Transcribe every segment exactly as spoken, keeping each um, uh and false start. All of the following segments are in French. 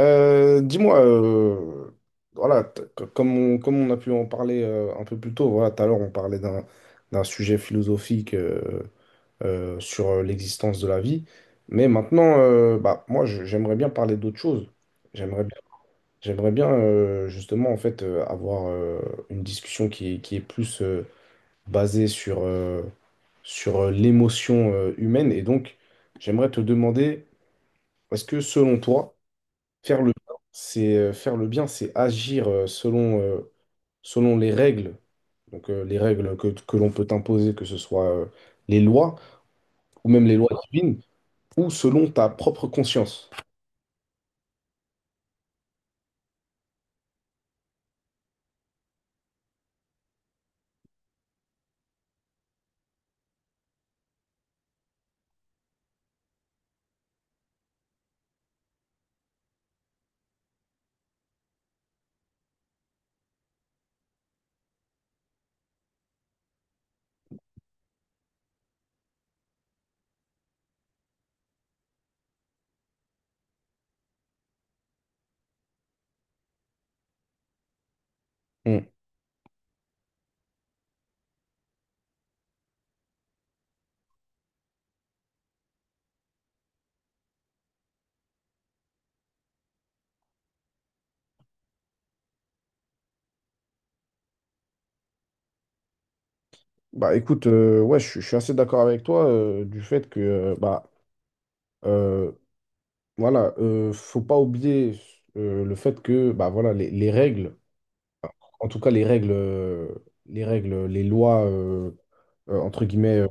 Euh, dis-moi, euh, voilà, t- c- comme on, comme on a pu en parler euh, un peu plus tôt, voilà, tout à l'heure on parlait d'un d'un sujet philosophique euh, euh, sur euh, l'existence de la vie, mais maintenant, euh, bah, moi je- j'aimerais bien parler d'autre chose. J'aimerais bien, j'aimerais bien euh, justement en fait euh, avoir euh, une discussion qui, est- qui est plus euh, basée sur, euh, sur euh, l'émotion euh, humaine, et donc j'aimerais te demander, est-ce que selon toi faire le bien, c'est euh, faire le bien, c'est agir euh, selon, euh, selon les règles, donc euh, les règles que, que l'on peut t'imposer, que ce soit euh, les lois ou même les lois divines, ou selon ta propre conscience. Hmm. Bah écoute, euh, ouais, je, suis je suis assez d'accord avec toi euh, du fait que euh, bah euh, voilà, euh, faut pas oublier euh, le fait que bah voilà les, les règles, en tout cas les règles, euh, les règles, les lois euh, euh, entre guillemets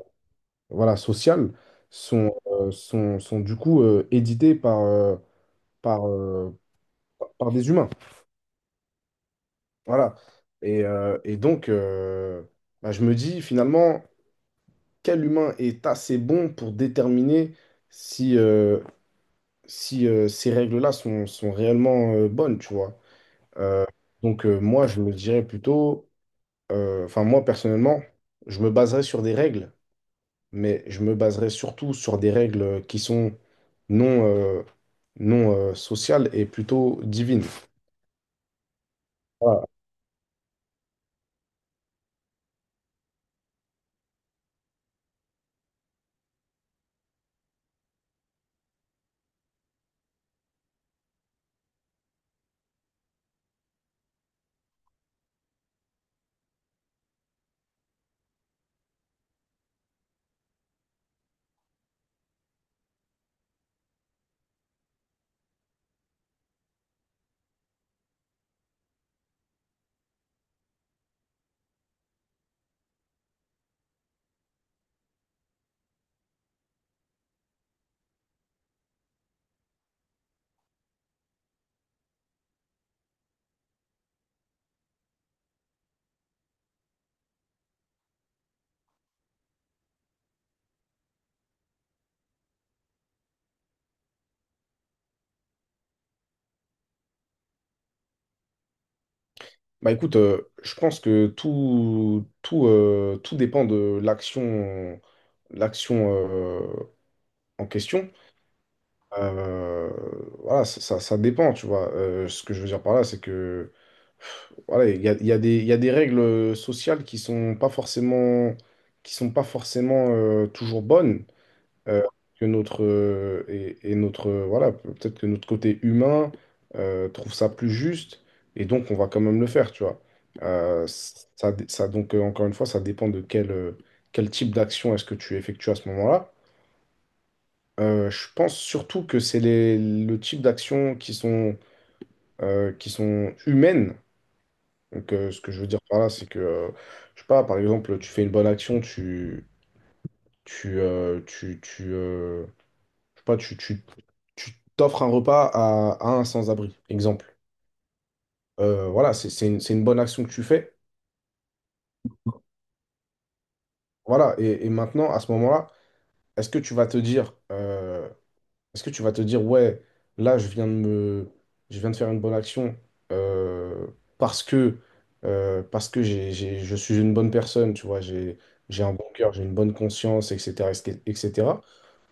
voilà, sociales sont, euh, sont, sont du coup euh, éditées par, euh, par, euh, par des humains. Voilà. Et, euh, et donc, euh, bah, je me dis finalement, quel humain est assez bon pour déterminer si, euh, si euh, ces règles-là sont, sont réellement euh, bonnes, tu vois. Donc, euh, moi, je me dirais plutôt, euh, enfin, moi, personnellement, je me baserais sur des règles mais je me baserai surtout sur des règles qui sont non, euh, non euh, sociales et plutôt divines. Voilà. Bah écoute, euh, je pense que tout, tout, euh, tout dépend de l'action, l'action euh, en question. Euh, voilà, ça, ça- ça dépend, tu vois. Euh, ce que je veux dire par là, c'est que voilà, il y a, il y a des, il y a des règles sociales qui sont pas forcément, qui sont pas forcément euh, toujours bonnes. Euh, que notre euh, et, et Notre euh, voilà peut-être que notre côté humain euh, trouve ça plus juste et donc on va quand même le faire tu vois. Euh, ça, dé- ça donc euh, Encore une fois ça dépend de quel euh, quel type d'action est-ce que tu effectues à ce moment-là. Euh, je pense surtout que c'est les le type d'actions qui sont euh, qui sont humaines donc euh, ce que je veux dire par là c'est que euh, je sais pas par exemple tu fais une bonne action tu tu euh, tu tu, euh, je sais pas, tu, tu, tu t'offres un repas à, à un sans-abri, exemple. Euh, voilà, c'est, c'est une, c'est une bonne action que tu fais. Voilà, et, et maintenant, à ce moment-là, est-ce que tu vas te dire, euh, est-ce que tu vas te dire, ouais, là, je viens de me, je viens de faire une bonne action euh, parce que, euh, parce que j'ai, j'ai- je suis une bonne personne, tu vois, j'ai, j'ai un bon cœur, j'ai une bonne conscience, et cætera, et cætera.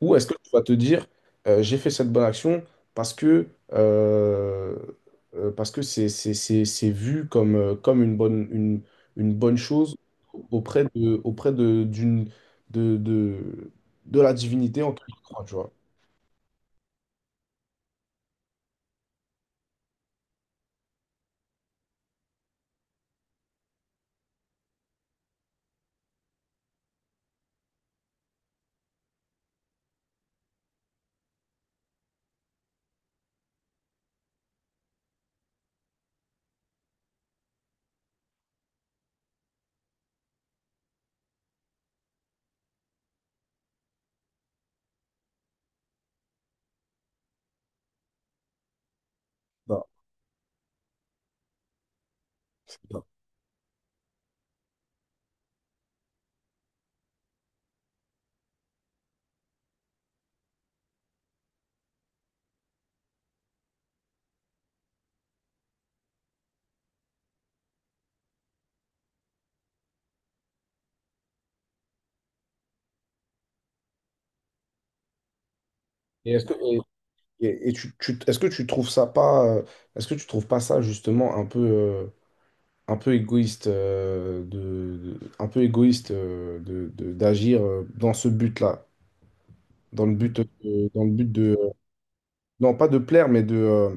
Ou est-ce que tu vas te dire, euh, j'ai fait cette bonne action parce que, euh, euh, parce que c'est, c'est, c'est, c'est vu comme, euh, comme une bonne, une, une bonne chose auprès de, auprès de, d'une, de, de, de la divinité en qui tu crois, tu vois. Non. Et est-ce que, et, et- et tu, tu- est-ce que tu trouves ça pas, euh, est-ce que tu trouves pas ça justement un peu, euh, un peu égoïste, euh, de, de- un peu égoïste euh, de, de- d'agir euh, dans ce but-là, dans le but, de- dans le but de, non pas de plaire, mais de, euh,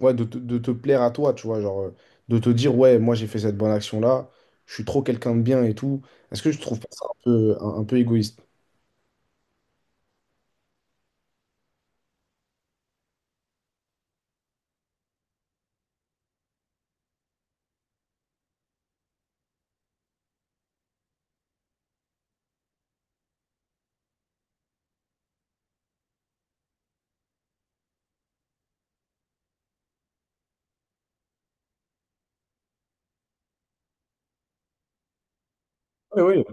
ouais, de, te de te plaire à toi, tu vois, genre euh, de te dire ouais, moi j'ai fait cette bonne action-là, je suis trop quelqu'un de bien et tout. Est-ce que tu trouves pas ça un peu, un, un peu égoïste? Oui, oui.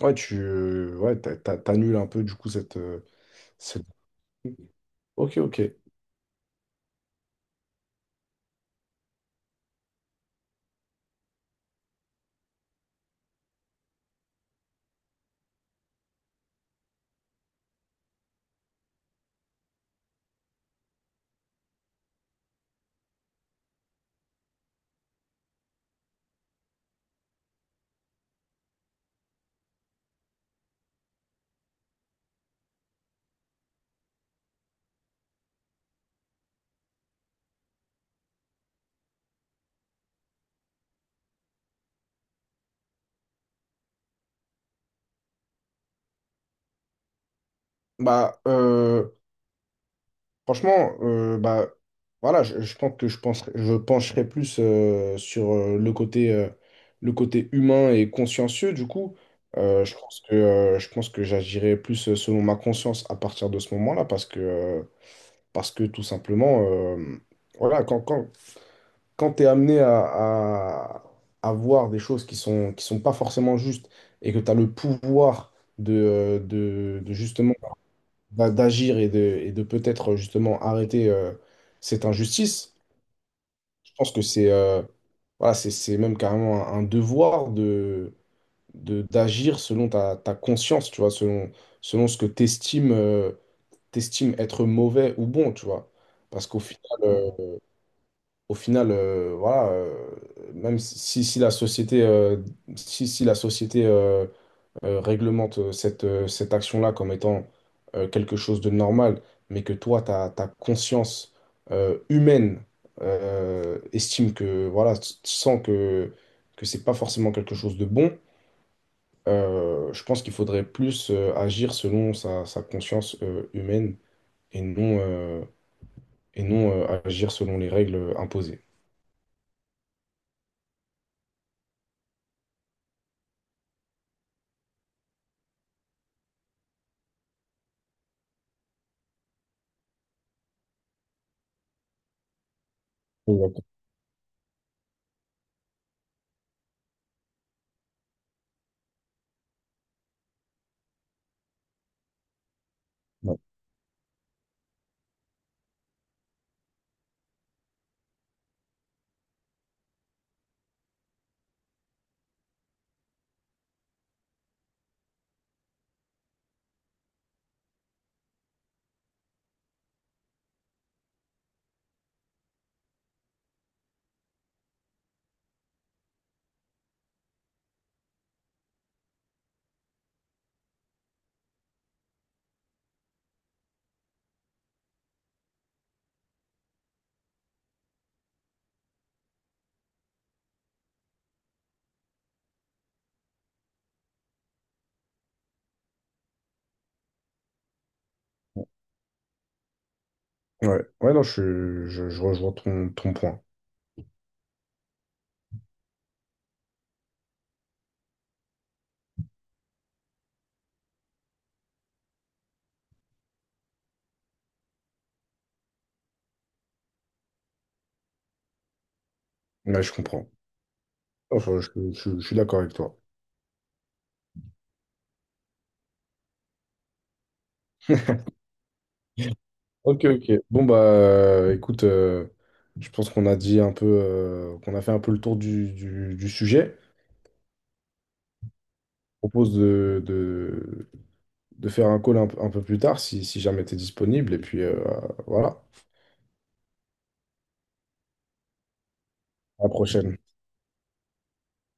Ouais, tu, euh, ouais, t'a- t'a- t'annules un peu du coup cette, euh, cette... Ok, ok. Bah, euh, franchement, euh, bah, voilà, je, je pense que je penserai, je pencherai plus euh, sur euh, le côté, euh, le côté humain et consciencieux, du coup. Euh, je pense que, euh, je pense que j'agirai plus euh, selon ma conscience à partir de ce moment-là, parce que, euh, parce que tout simplement, euh, voilà, quand, quand, quand tu es amené à, à, à voir des choses qui sont, qui sont pas forcément justes et que tu as le pouvoir de, euh, de, de d'a- d'agir et de, et de peut-être justement arrêter euh, cette injustice. Je pense que c'est euh, voilà, c'est, c'est même carrément un, un devoir de, de, d'agir selon ta, ta conscience, tu vois, selon, selon ce que tu estimes, être mauvais ou bon, tu vois. Parce qu'au final, euh, au final euh, voilà, euh, même si, si la société, euh, si, si la société euh, euh, réglemente euh, cette, euh, cette action-là comme étant euh, quelque chose de normal, mais que toi, ta, ta conscience euh, humaine euh, estime que, voilà, tu tu sens que, que c'est pas forcément quelque chose de bon, euh, je pense qu'il faudrait plus euh, agir selon sa, sa conscience euh, humaine et non, euh, et non euh, agir selon les règles euh, imposées. Exactement. Ouais, ouais, ouais, non, je, je, je rejoins ton, ton point. Ouais, je comprends. Enfin, je, je- je suis d'accord avec toi. Ok, ok. Bon, bah, euh, écoute, euh, je pense qu'on a dit un peu, euh, qu'on a fait un peu le tour du, du- du sujet. Je propose de, de, de faire un call un, un peu plus tard si, si jamais tu es disponible. Et puis, euh, voilà, à la prochaine.